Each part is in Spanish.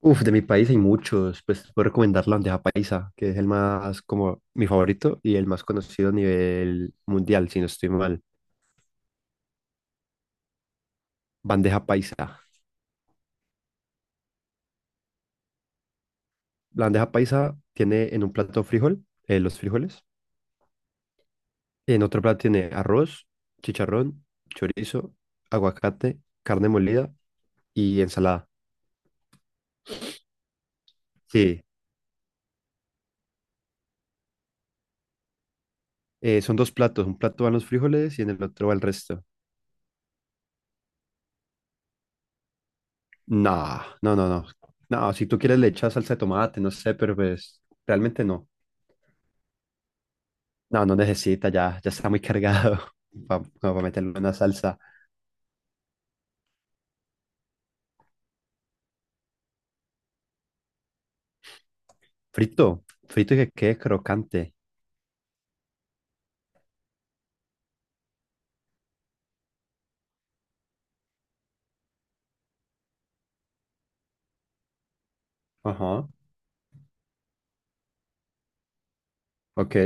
Uf, de mi país hay muchos, pues puedo recomendar la bandeja paisa, que es el más como mi favorito y el más conocido a nivel mundial, si no estoy mal. Bandeja paisa. La bandeja paisa tiene en un plato frijol, los frijoles, en otro plato tiene arroz, chicharrón, chorizo, aguacate, carne molida y ensalada. Sí, son dos platos, un plato van los frijoles y en el otro va el resto. No, no, no, no. No, si tú quieres le echas salsa de tomate, no sé, pero pues realmente no. No, no necesita, ya, ya está muy cargado para meterlo en una salsa. Frito, frito y que quede crocante. Ajá, ok,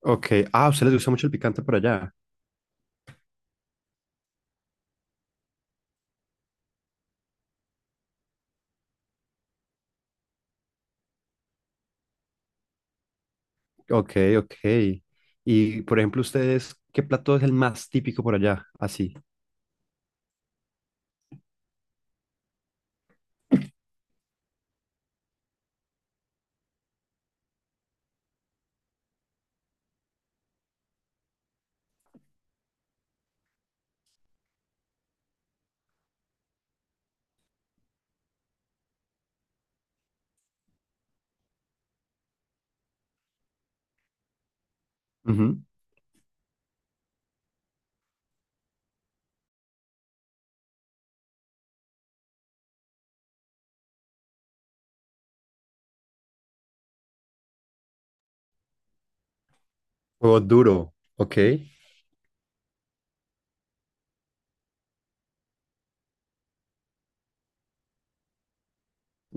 ok. Ah, a ustedes les gusta mucho el picante por allá. Ok, ok. Y, por ejemplo, ustedes, ¿qué plato es el más típico por allá? Así. Ujú. Huevo duro, ok.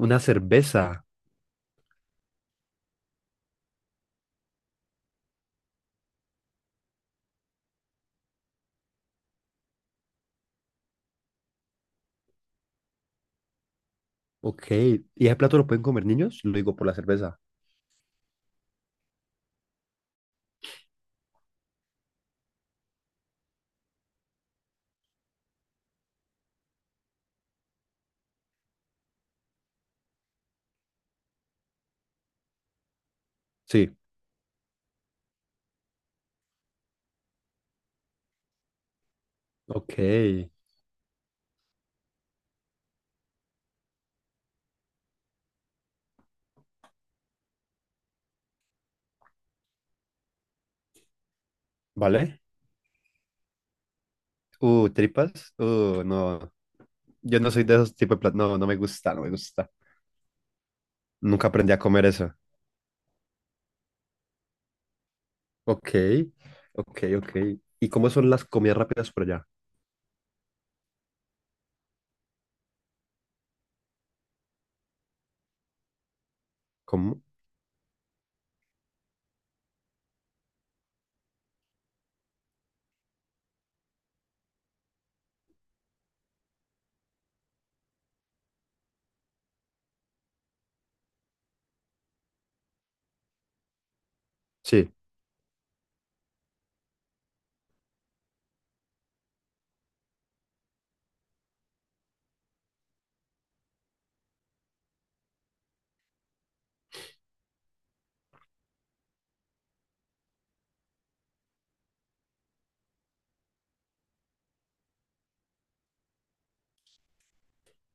Una cerveza, ok. ¿Y ese plato lo pueden comer niños? Lo digo por la cerveza. Sí, ok. ¿Vale? Tripas. No. Yo no soy de esos tipos de platos. No, no me gusta, no me gusta. Nunca aprendí a comer eso. Ok, ok, ok. ¿Y cómo son las comidas rápidas por allá? ¿Cómo? Sí,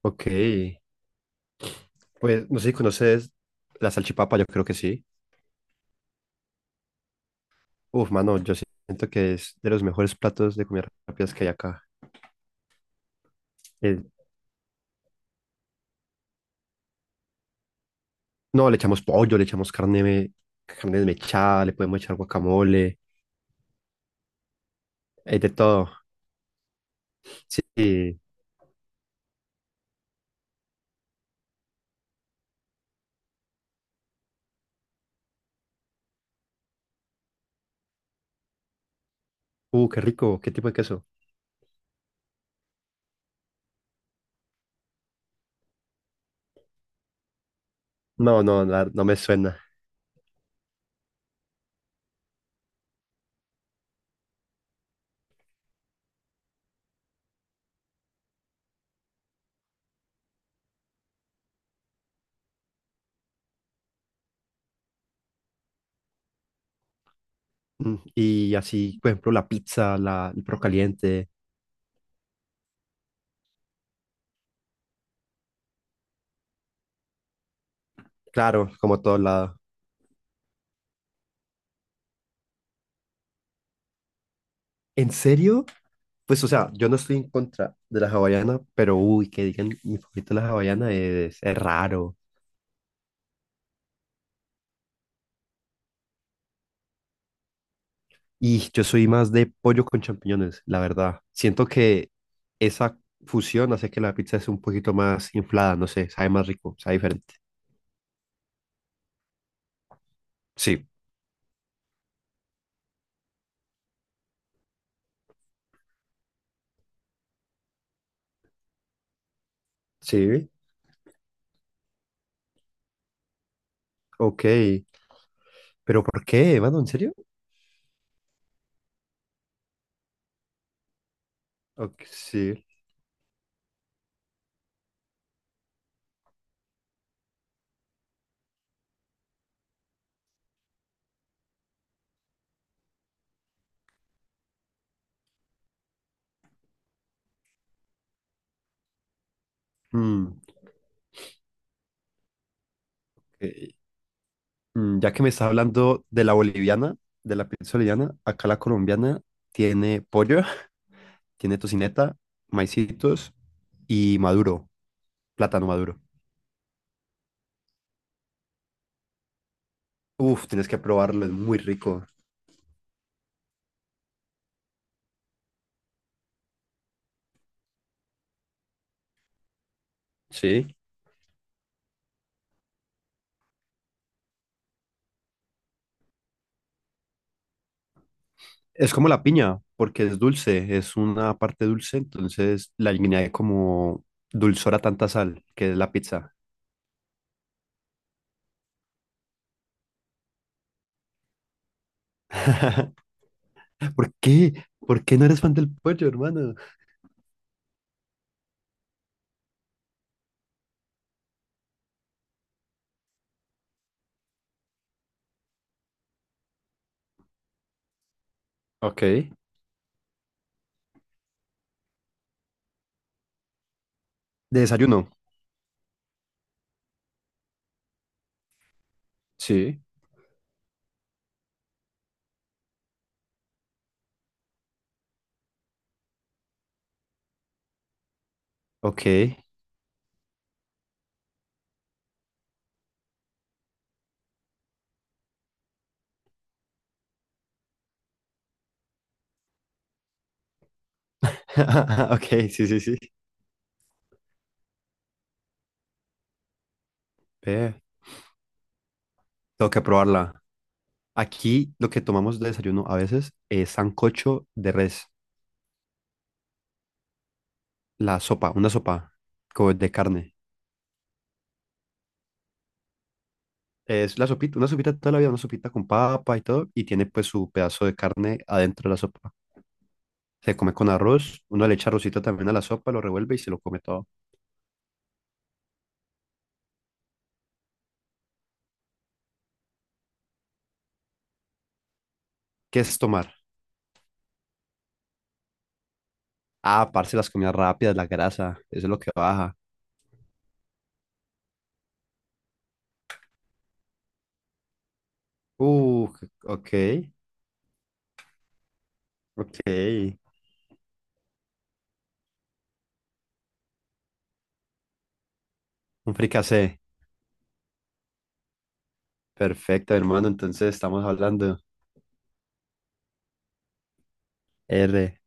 ok. Pues no sé si conoces la salchipapa, yo creo que sí. Uf, mano, yo siento que es de los mejores platos de comidas rápidas que hay acá. Eh, no, le echamos pollo, le echamos carne, carne desmechada, le podemos echar guacamole, hay de todo. Sí. Qué rico, qué tipo de queso. No, no, no me suena. Mm, y así, por ejemplo, la pizza, la, el perro caliente, claro, como todo lado. ¿En serio? Pues, o sea, yo no estoy en contra de la hawaiana, pero uy, que digan mi favorito de la hawaiana es raro. Y yo soy más de pollo con champiñones, la verdad. Siento que esa fusión hace que la pizza es un poquito más inflada, no sé, sabe más rico, sabe diferente. Sí. Sí, ok. ¿Pero por qué, mano? ¿En serio? Ok, sí. Mm, ok. Mm, ya que me estás hablando de la boliviana, de la pizza boliviana, acá la colombiana tiene pollo, tiene tocineta, maicitos y maduro, plátano maduro. Uf, tienes que probarlo, es muy rico. Sí. Es como la piña, porque es dulce, es una parte dulce, entonces la añade como dulzor a tanta sal, que es la pizza. ¿Por qué? ¿Por qué no eres fan del pollo, hermano? Ok. De desayuno. Sí. Ok. Ok, sí, sí, sí. Ve, tengo que probarla. Aquí lo que tomamos de desayuno a veces es sancocho de res, la sopa, una sopa como de carne. Es la sopita, una sopita toda la vida, una sopita con papa y todo, y tiene pues su pedazo de carne adentro de la sopa. Se come con arroz, uno le echa arrocito también a la sopa, lo revuelve y se lo come todo. ¿Qué es tomar? Ah, parce, las comidas rápidas, la grasa, eso es lo que baja. Uh, ok, ok. Un fricasé. Perfecto, hermano, entonces estamos hablando. R.